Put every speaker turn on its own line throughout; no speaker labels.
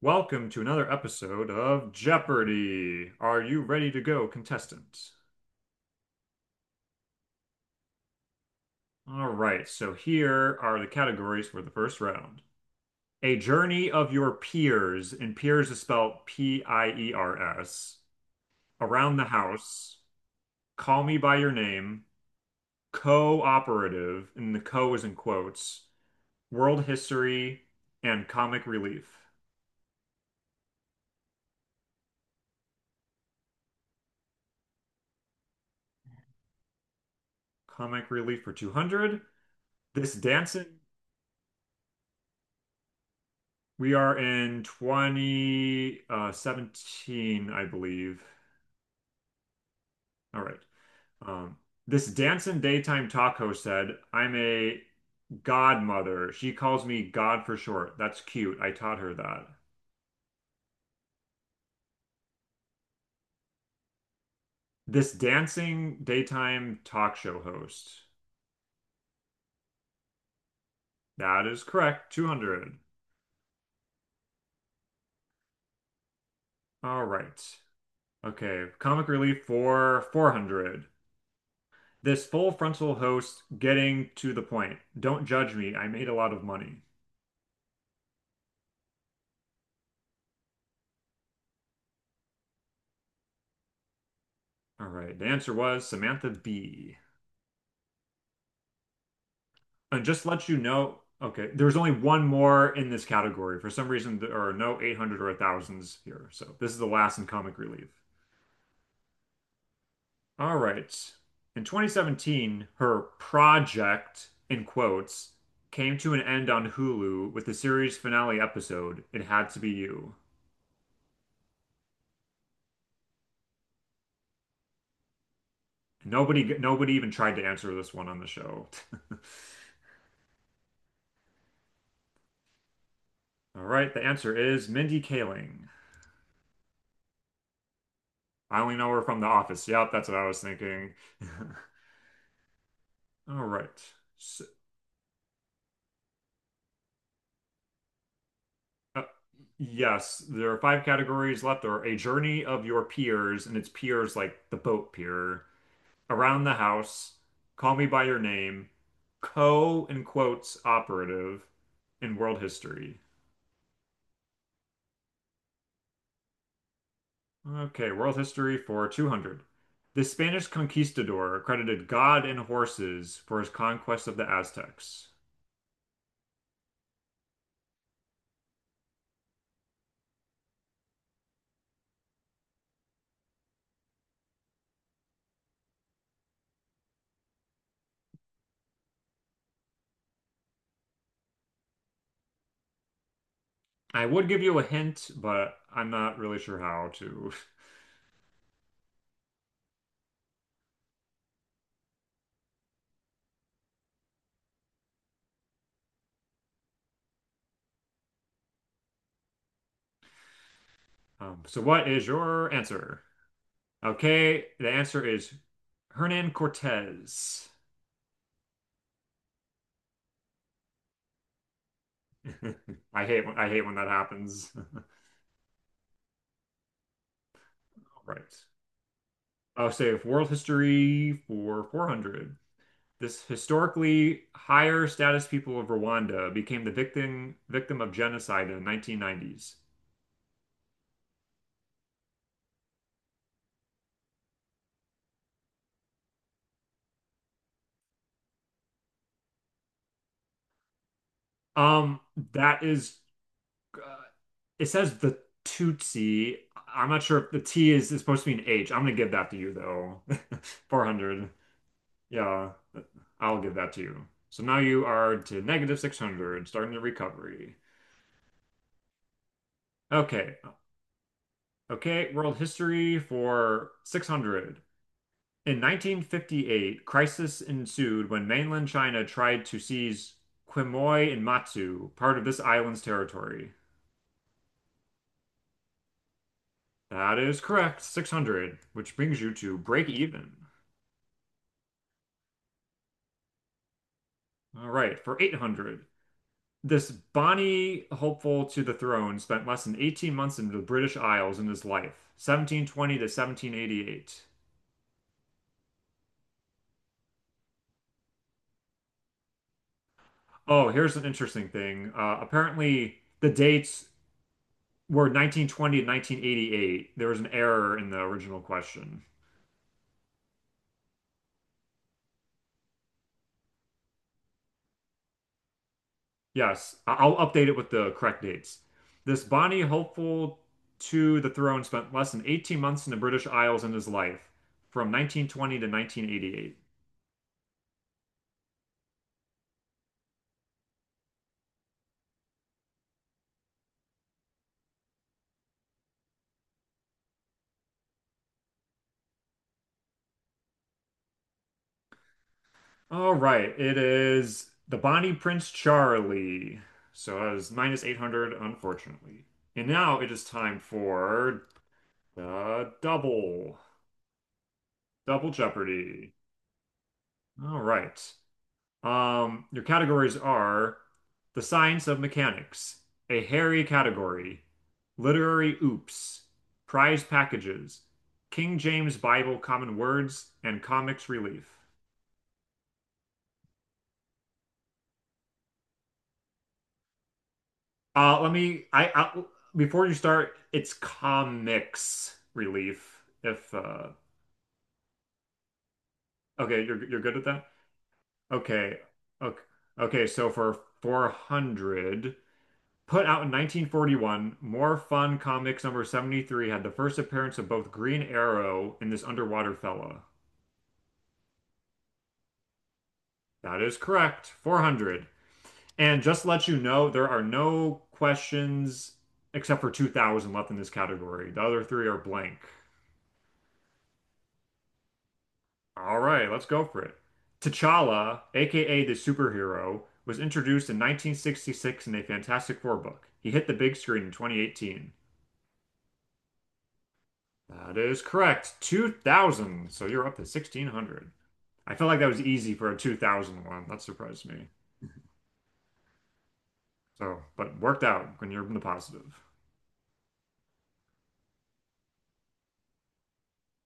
Welcome to another episode of Jeopardy! Are you ready to go, contestant? All right, so here are the categories for the first round. A journey of your peers, and peers is spelled piers, around the house, call me by your name, cooperative, and the co is in quotes, world history, and comic relief. Comic relief for 200. This dancing. We are in 2017, I believe. All right. Um, this dancing daytime talk host said, I'm a godmother. She calls me God for short. That's cute. I taught her that. This dancing daytime talk show host. That is correct. 200. All right. Okay. Comic relief for 400. This full frontal host getting to the point. Don't judge me. I made a lot of money. All right. The answer was Samantha B. And just to let you know, okay, there's only one more in this category. For some reason, there are no 800 or 1,000s here. So this is the last in comic relief. All right. In 2017, her project, in quotes, came to an end on Hulu with the series finale episode, It Had to Be You. Nobody, nobody even tried to answer this one on the show. All right, the answer is Mindy Kaling. I only know her from The Office. Yep, that's what I was thinking. All right. So, uh, yes, there are five categories left. There are a journey of your peers, and it's peers like the boat pier, around the house, call me by your name, co in quotes operative, in world history. Okay, world history for 200. The Spanish conquistador credited God and horses for his conquest of the Aztecs. I would give you a hint, but I'm not really sure how to. So, what is your answer? Okay, the answer is Hernan Cortez. I hate when that happens. Right. I'll save world history for 400. This historically higher status people of Rwanda became the victim of genocide in the 1990s. Um, that is, uh, it says the Tutsi. I'm not sure if the T is supposed to be an H. I'm gonna give that to you though. 400. Yeah, I'll give that to you. So now you are to negative 600, starting the recovery. Okay. Okay, world history for 600. In 1958, crisis ensued when mainland China tried to seize Quemoy and Matsu, part of this island's territory. That is correct, 600, which brings you to break even. All right, for 800. This Bonnie, hopeful to the throne, spent less than 18 months in the British Isles in his life, 1720 to 1788. Oh, here's an interesting thing. Apparently, the dates were 1920 to 1988. There was an error in the original question. Yes, I'll update it with the correct dates. This Bonnie, hopeful to the throne, spent less than 18 months in the British Isles in his life, from 1920 to 1988. All right, it is the Bonnie Prince Charlie. So I was minus 800, unfortunately. And now it is time for the double Jeopardy. All right. Your categories are the science of mechanics, a hairy category, literary oops, prize packages, King James Bible common words, and comics relief. Let me. I before you start, it's comics relief. If okay, you're good with that. Okay, okay, okay. So for 400, put out in 1941, More Fun Comics number 73 had the first appearance of both Green Arrow and this underwater fella. That is correct. 400. And just to let you know, there are no questions except for 2,000 left in this category. The other three are blank. All right, let's go for it. T'Challa, aka the superhero, was introduced in 1966 in a Fantastic Four book. He hit the big screen in 2018. That is correct. 2000. So you're up to 1600. I felt like that was easy for a 2000 one. That surprised me. So, but worked out when you're in the positive.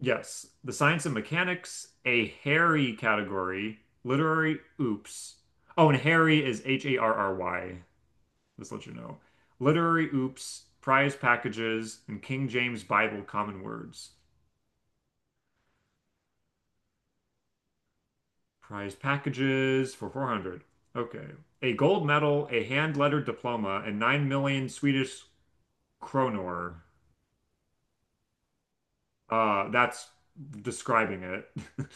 Yes, the science and mechanics, a hairy category, literary oops. Oh, and Harry is Harry. Just let you know. Literary oops, prize packages, and King James Bible common words. Prize packages for 400. Okay. A gold medal, a hand-lettered diploma, and 9 million Swedish kronor. That's describing it.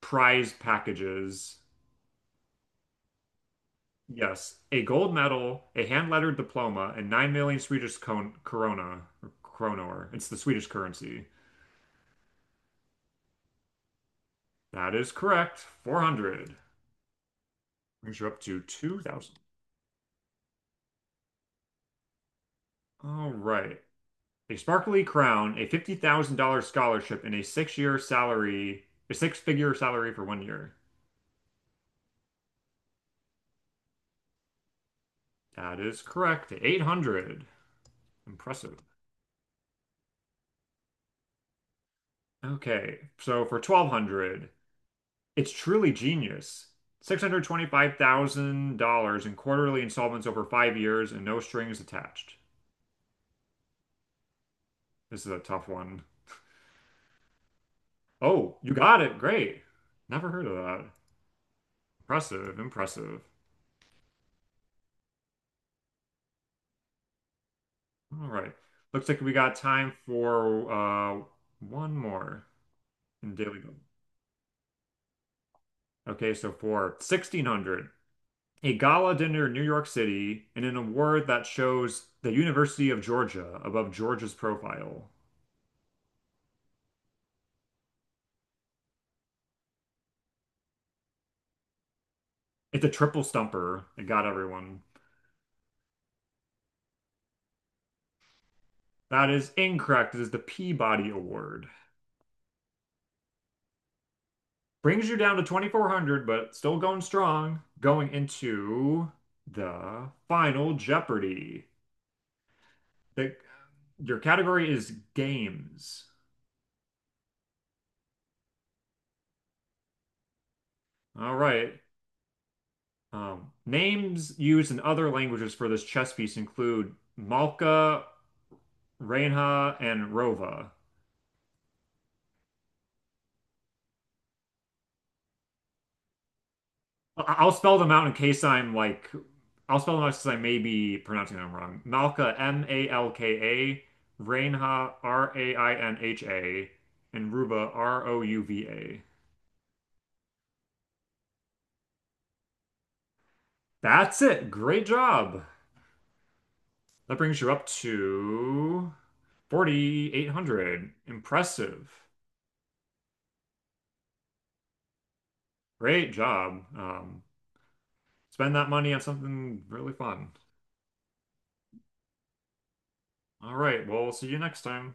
Prize packages. Yes, a gold medal, a hand-lettered diploma, and 9 million Swedish kon corona or kronor. It's the Swedish currency. That is correct. 400. Brings you up to 2,000. All right. A sparkly crown, a $50,000 scholarship, and a six-figure salary for one year. That is correct. 800. Impressive. Okay. So for 1,200, it's truly genius. $625,000 in quarterly installments over 5 years and no strings attached. This is a tough one. Oh, you got it. Great. Never heard of that. Impressive. Impressive. All right. Looks like we got time for one more in Daily Go. Okay, so for 1600, a gala dinner in New York City and an award that shows the University of Georgia above Georgia's profile. It's a triple stumper. It got everyone. That is incorrect. It is the Peabody Award. Brings you down to 2,400, but still going strong. Going into the final Jeopardy. The, your category is games. All right. Names used in other languages for this chess piece include Malka, Reinha, and Rova. I'll spell them out in case I'm like, I'll spell them out since I may be pronouncing them wrong. Malka, Malka, Reinha, Rainha, and Ruva, Rouva. That's it. Great job. That brings you up to 4,800. Impressive. Great job. Spend that money on something really fun. All right. Well, we'll see you next time.